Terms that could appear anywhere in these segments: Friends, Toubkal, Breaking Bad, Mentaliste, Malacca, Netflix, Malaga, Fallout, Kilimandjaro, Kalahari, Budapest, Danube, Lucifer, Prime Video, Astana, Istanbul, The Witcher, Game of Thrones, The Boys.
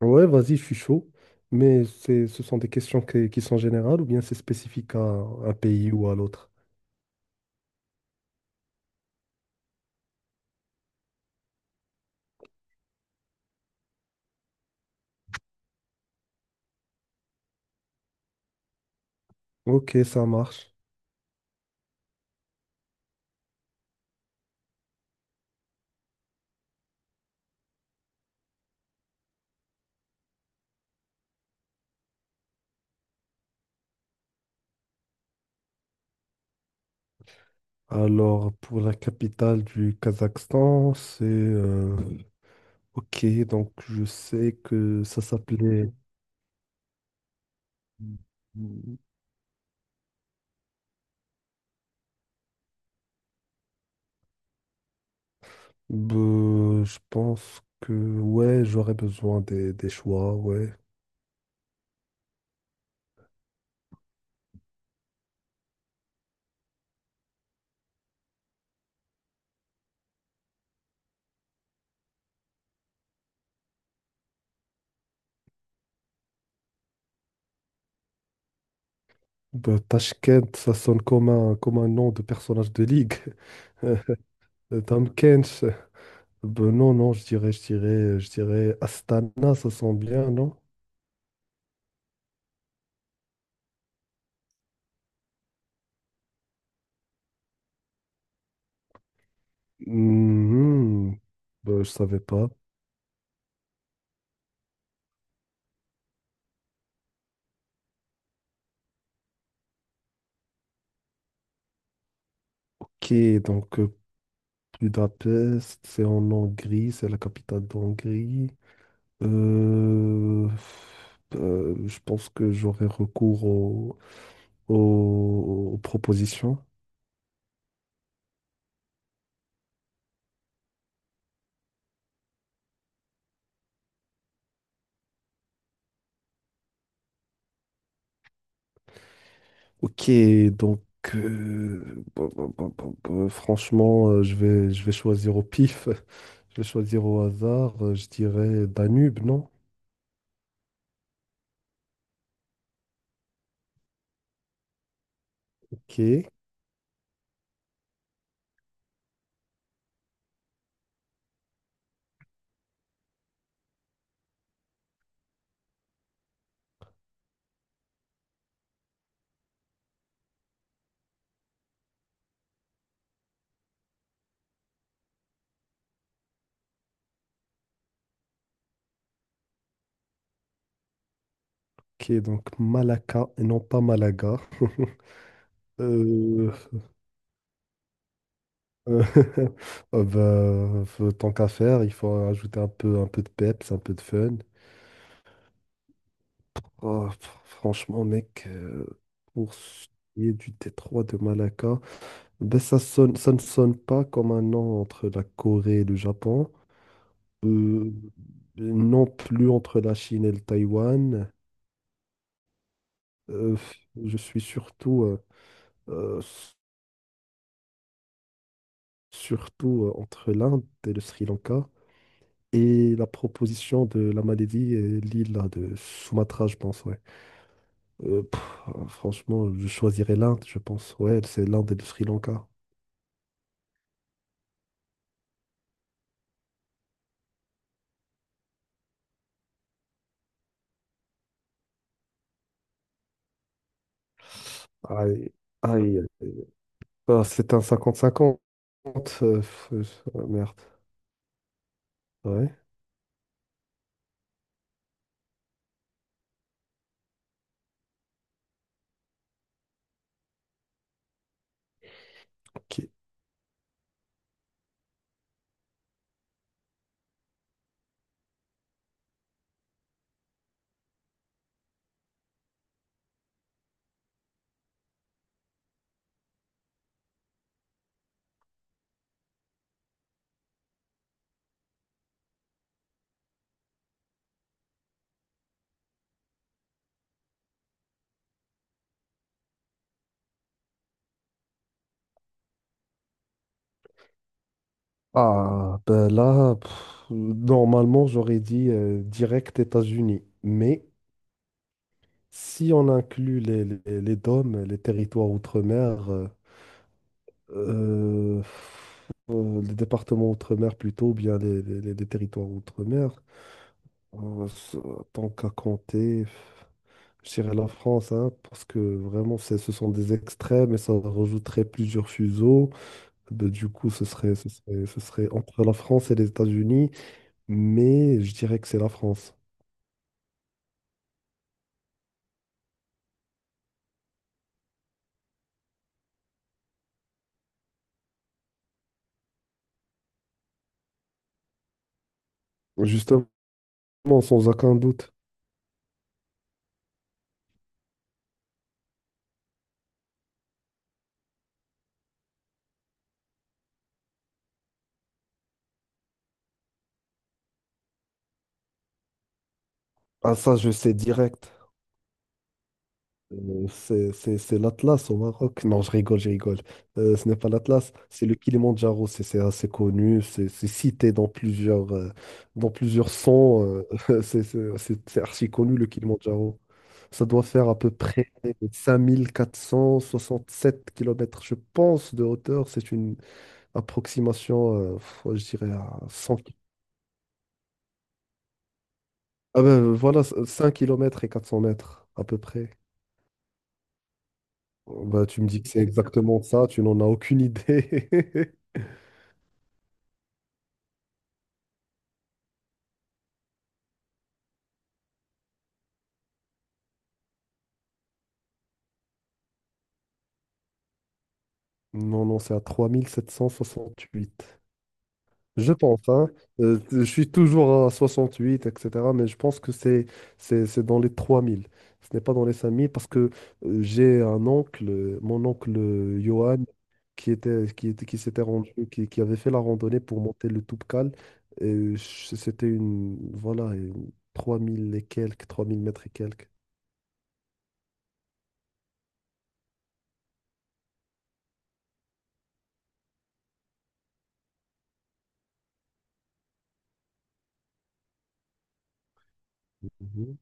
Ouais, vas-y, je suis chaud. Mais ce sont des questions qui sont générales ou bien c'est spécifique à un pays ou à l'autre? Ok, ça marche. Alors, pour la capitale du Kazakhstan, ok, donc je sais que ça s'appelait... Bah, je pense que... Ouais, j'aurais besoin des choix, ouais. Bah, Tashkent, ça sonne comme comme un nom de personnage de ligue. Tamkench, bah, non, je dirais Astana, ça sent bien, non? Mhm. Bah, je savais pas. Ok, donc euh, Budapest, c'est en Hongrie, c'est la capitale d'Hongrie. Euh, je pense que j'aurai recours aux propositions. Ok, donc franchement, je vais choisir au pif. Je vais choisir au hasard. Je dirais Danube, non? Ok, ok, donc Malacca et non pas Malaga. Euh, euh, bah, tant qu'à faire, il faut ajouter un peu de peps, un peu de fun. Oh, franchement, mec, pour ce qui est du détroit de Malacca, ben ça ne sonne pas comme un nom entre la Corée et le Japon, euh, non plus entre la Chine et le Taïwan. Euh, je suis surtout, euh, s- surtout entre l'Inde et le Sri Lanka et la proposition de la Malaisie et l'île là, de Sumatra, je pense, ouais. Euh, pff, franchement, je choisirais l'Inde, je pense, ouais, c'est l'Inde et le Sri Lanka. Aïe, aïe, aïe. Ah, c'est un cinquante cinquante merde. Ouais. Ok. Ah, ben là, pff, normalement, j'aurais dit direct États-Unis. Mais si on inclut les DOM, les territoires outre-mer, les départements outre-mer plutôt, ou bien les territoires outre-mer, ça- tant qu'à compter. Je dirais la France, hein, parce que vraiment, ce sont des extrêmes et ça rajouterait plusieurs fuseaux. Ben, du coup, ce serait entre la France et les États-Unis, mais je dirais que c'est la France. Justement, sans aucun doute. Ah, ça, je sais direct. C'est l'Atlas au Maroc. Non, je rigole. Ce n'est pas l'Atlas, c'est le Kilimandjaro. C'est assez connu, c'est cité dans plusieurs sons. C'est archi connu, le Kilimandjaro. Ça doit faire à peu près 5 467 kilomètres je pense, de hauteur. C'est une approximation, je dirais, à 100. Ah ben, voilà, 5 kilomètres et 400 mètres, à peu près. Bah, tu me dis que c'est exactement ça, tu n'en as aucune idée. Non, non, c'est à 3 768. Je pense, hein. Je suis toujours à 68, etc. Mais je pense que c'est dans les 3 000. Ce n'est pas dans les 5 000 parce que j'ai un oncle, mon oncle Johan, qui s'était rendu, qui avait fait la randonnée pour monter le Toubkal. Et c'était une, voilà, une 3 000 et quelques, 3 000 mètres et quelques. Mhm.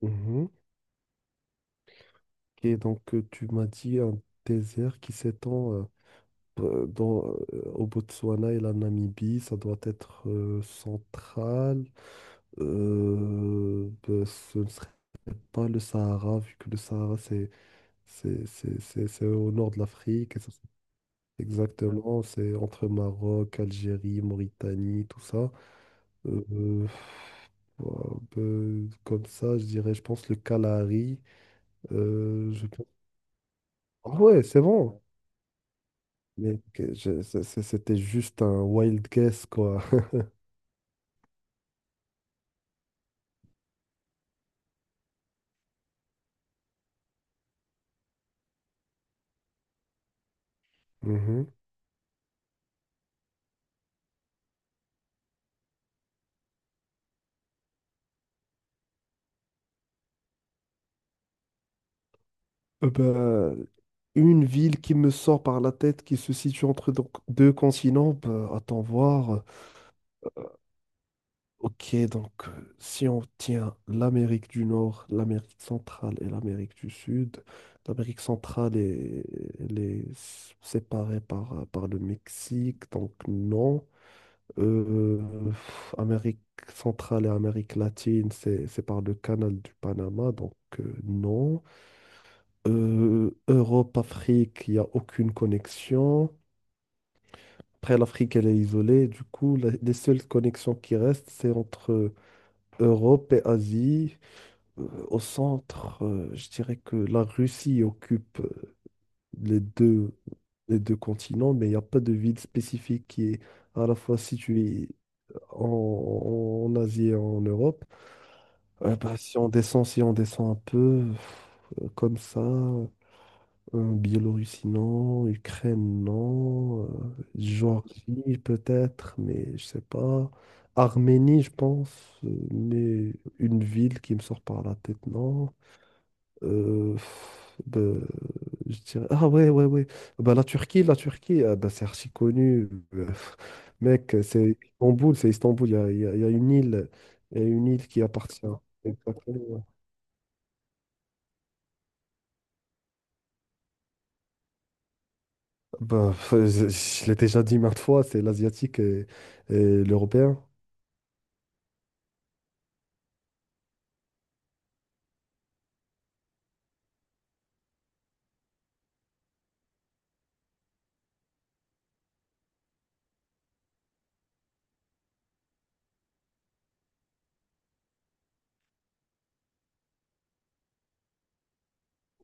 Mhm. Tu m'as dit un désert qui s'étend euh, dans, au Botswana et la Namibie, ça doit être central. Ben, ce ne serait pas le Sahara, vu que le Sahara c'est au nord de l'Afrique. Et ça, exactement, c'est entre Maroc, Algérie, Mauritanie, tout ça. Euh, euh, Ouah, ben, comme ça, je pense le Kalahari. euh, je pense- Ah ouais, c'est bon. Mais c'était juste un wild guess, quoi. Mhm. Euh, bah, une ville qui me sort par la tête, qui se situe entre donc deux continents, bah, attends voir. Si on tient l'Amérique du Nord, l'Amérique centrale et l'Amérique du Sud, l'Amérique centrale est, elle est séparée par, par le Mexique, donc non. Euh, Amérique centrale et Amérique latine, c'est par le canal du Panama, donc non. Europe, Afrique, il n'y a aucune connexion. Après, l'Afrique, elle est isolée. Du coup, les seules connexions qui restent, c'est entre Europe et Asie. Au centre, je dirais que la Russie occupe les deux, les deux continents, mais il n'y a pas de ville spécifique qui est à la fois située en Asie et en Europe. Si on descend, si on descend un peu, euh, comme ça, euh, Biélorussie, non, Ukraine, non, Géorgie peut-être, mais je sais pas. Arménie, je pense, mais une ville qui me sort par la tête, non. Euh, pff, bah, je dirais... Ah ouais, ouais, ouais. Bah, la Turquie, ah, bah, c'est archi connu. euh, Mec, c'est Istanbul, il y a une île, il y a une île qui appartient. Exactement. Bah, je l'ai déjà dit maintes fois, c'est l'asiatique et l'européen.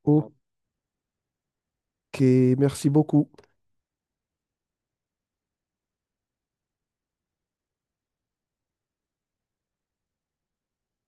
Ok, merci beaucoup.